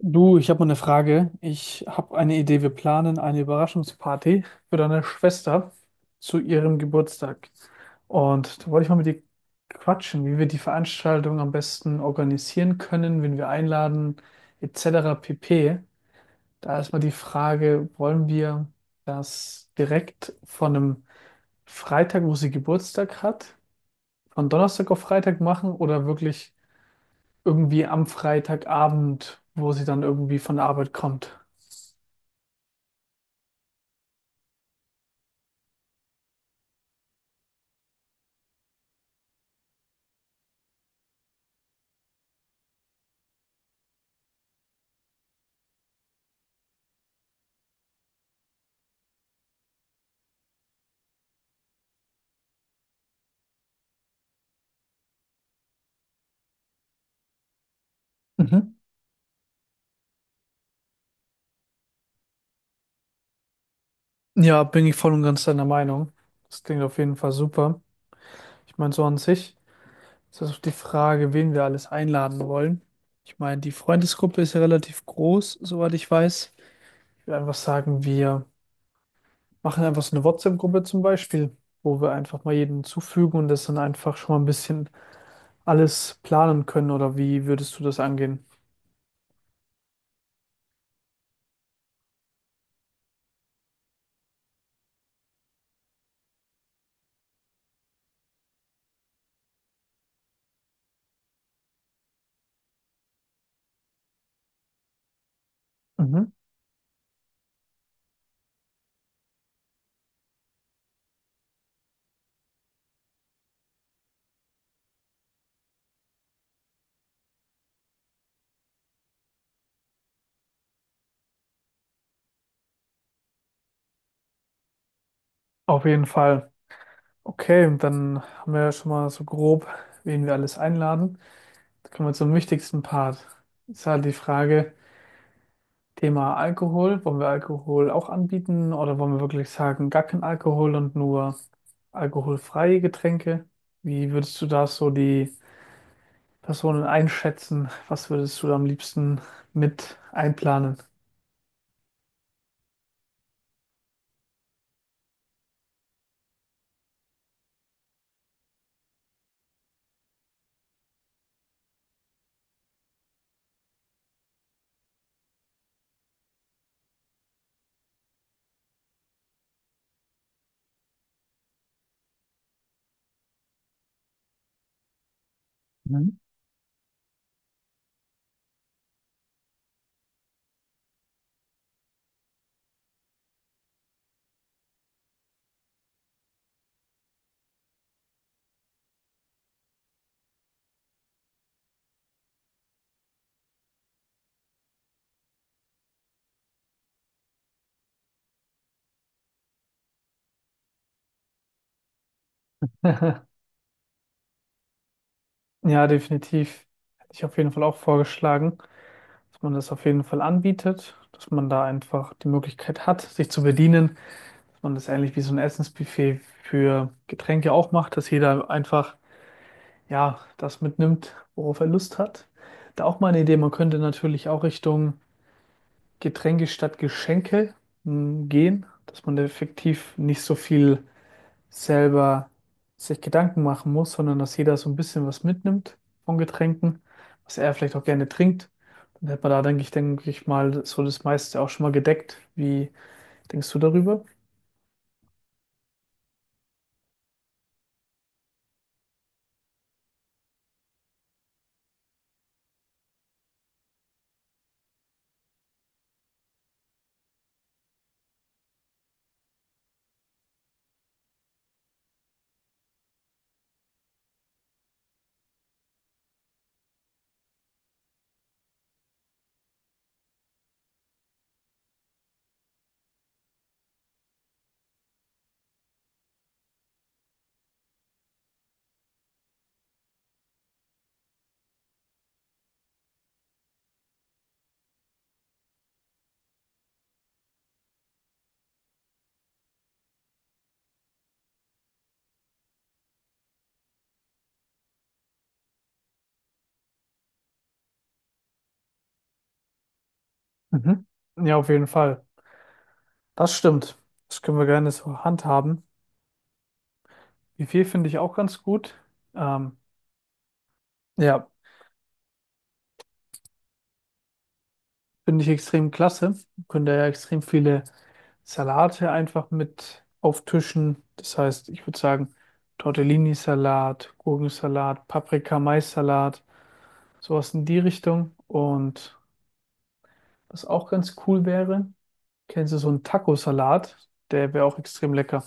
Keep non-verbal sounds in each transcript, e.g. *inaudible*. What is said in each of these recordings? Du, ich habe mal eine Frage. Ich habe eine Idee. Wir planen eine Überraschungsparty für deine Schwester zu ihrem Geburtstag. Und da wollte ich mal mit dir quatschen, wie wir die Veranstaltung am besten organisieren können, wen wir einladen, etc. pp. Da ist mal die Frage, wollen wir das direkt von einem Freitag, wo sie Geburtstag hat, von Donnerstag auf Freitag machen oder wirklich irgendwie am Freitagabend, wo sie dann irgendwie von der Arbeit kommt? Mhm. Ja, bin ich voll und ganz deiner Meinung. Das klingt auf jeden Fall super. Ich meine, so an sich ist das auch die Frage, wen wir alles einladen wollen. Ich meine, die Freundesgruppe ist ja relativ groß, soweit ich weiß. Ich würde einfach sagen, wir machen einfach so eine WhatsApp-Gruppe zum Beispiel, wo wir einfach mal jeden zufügen und das dann einfach schon mal ein bisschen alles planen können. Oder wie würdest du das angehen? Mhm. Auf jeden Fall. Okay, und dann haben wir ja schon mal so grob, wen wir alles einladen. Jetzt kommen wir zum wichtigsten Part. Ist halt die Frage, Thema Alkohol. Wollen wir Alkohol auch anbieten oder wollen wir wirklich sagen, gar kein Alkohol und nur alkoholfreie Getränke? Wie würdest du da so die Personen einschätzen? Was würdest du da am liebsten mit einplanen? Mhm. *laughs* Ja, definitiv. Hätte ich auf jeden Fall auch vorgeschlagen, dass man das auf jeden Fall anbietet, dass man da einfach die Möglichkeit hat, sich zu bedienen. Und das ähnlich wie so ein Essensbuffet für Getränke auch macht, dass jeder einfach, ja, das mitnimmt, worauf er Lust hat. Da auch mal eine Idee, man könnte natürlich auch Richtung Getränke statt Geschenke gehen, dass man da effektiv nicht so viel selber sich Gedanken machen muss, sondern dass jeder so ein bisschen was mitnimmt von Getränken, was er vielleicht auch gerne trinkt. Dann hätte man da, denke ich mal, so das meiste auch schon mal gedeckt. Wie denkst du darüber? Mhm. Ja, auf jeden Fall. Das stimmt. Das können wir gerne so handhaben. Wie viel finde ich auch ganz gut. Ähm, ja, finde ich extrem klasse. Wir können da ja extrem viele Salate einfach mit auftischen. Das heißt, ich würde sagen, Tortellini-Salat, Gurkensalat, Paprika-Mais-Salat, sowas in die Richtung. Und was auch ganz cool wäre, kennst du so einen Taco-Salat? Der wäre auch extrem lecker.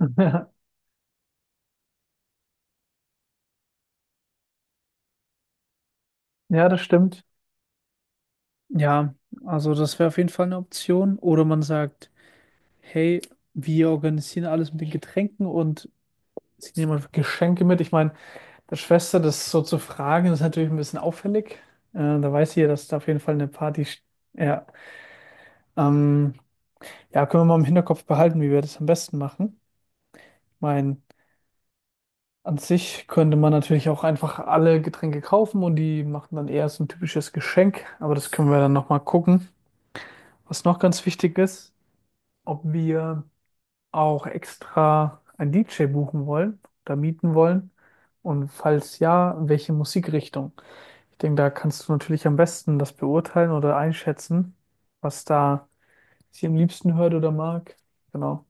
*laughs* Ja, das stimmt. Ja, also das wäre auf jeden Fall eine Option. Oder man sagt, hey, wir organisieren alles mit den Getränken und sie nehmen einfach Geschenke mit. Ich meine, der Schwester das so zu fragen, ist natürlich ein bisschen auffällig. Da weiß sie ja, dass da auf jeden Fall eine Party. Ja, ähm, ja, können wir mal im Hinterkopf behalten, wie wir das am besten machen. Ich meine, an sich könnte man natürlich auch einfach alle Getränke kaufen und die machen dann eher so ein typisches Geschenk. Aber das können wir dann nochmal gucken. Was noch ganz wichtig ist, ob wir auch extra einen DJ buchen wollen oder mieten wollen? Und falls ja, welche Musikrichtung? Ich denke, da kannst du natürlich am besten das beurteilen oder einschätzen, was da sie am liebsten hört oder mag. Genau.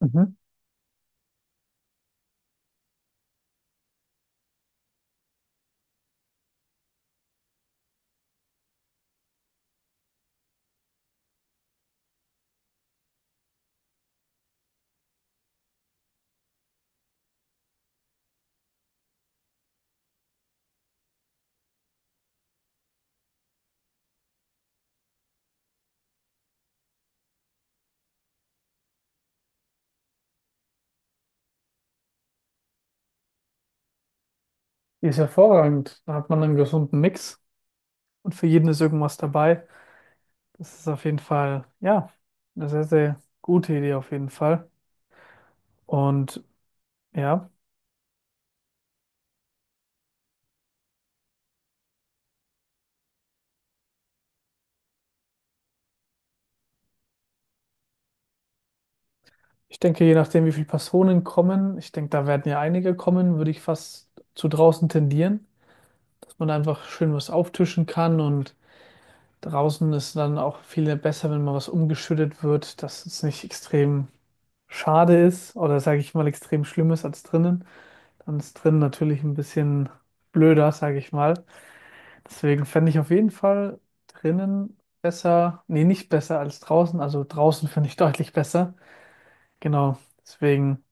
Mhm. Die ist hervorragend. Da hat man einen gesunden Mix und für jeden ist irgendwas dabei. Das ist auf jeden Fall, ja, eine sehr, sehr gute Idee auf jeden Fall. Und ja. Ich denke, je nachdem, wie viele Personen kommen, ich denke, da werden ja einige kommen, würde ich fast zu draußen tendieren, dass man da einfach schön was auftischen kann und draußen ist dann auch viel besser, wenn mal was umgeschüttet wird, dass es nicht extrem schade ist oder sage ich mal extrem schlimm ist als drinnen. Dann ist drinnen natürlich ein bisschen blöder, sage ich mal. Deswegen fände ich auf jeden Fall drinnen besser, nee, nicht besser als draußen, also draußen finde ich deutlich besser. Genau, deswegen.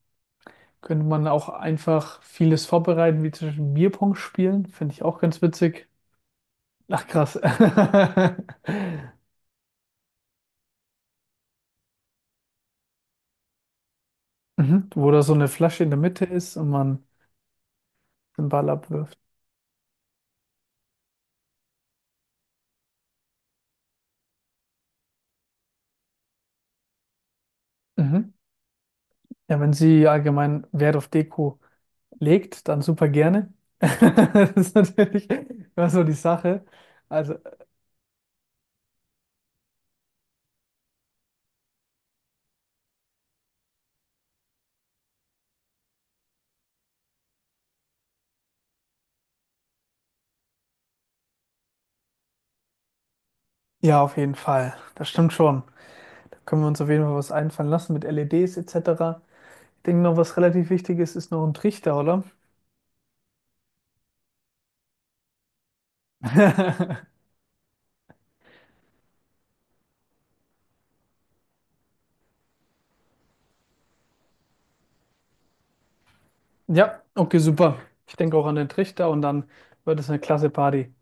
Könnte man auch einfach vieles vorbereiten, wie zum Beispiel Bierpong spielen. Finde ich auch ganz witzig. Ach, krass. *laughs* Mhm. Wo da so eine Flasche in der Mitte ist und man den Ball abwirft. Mhm. Ja, wenn sie allgemein Wert auf Deko legt, dann super gerne. *laughs* Das ist natürlich immer so die Sache. Also, ja, auf jeden Fall. Das stimmt schon. Da können wir uns auf jeden Fall was einfallen lassen mit LEDs etc. Ich denke noch, was relativ wichtig ist, ist noch ein Trichter, oder? *laughs* Ja, okay, super. Ich denke auch an den Trichter und dann wird es eine klasse Party.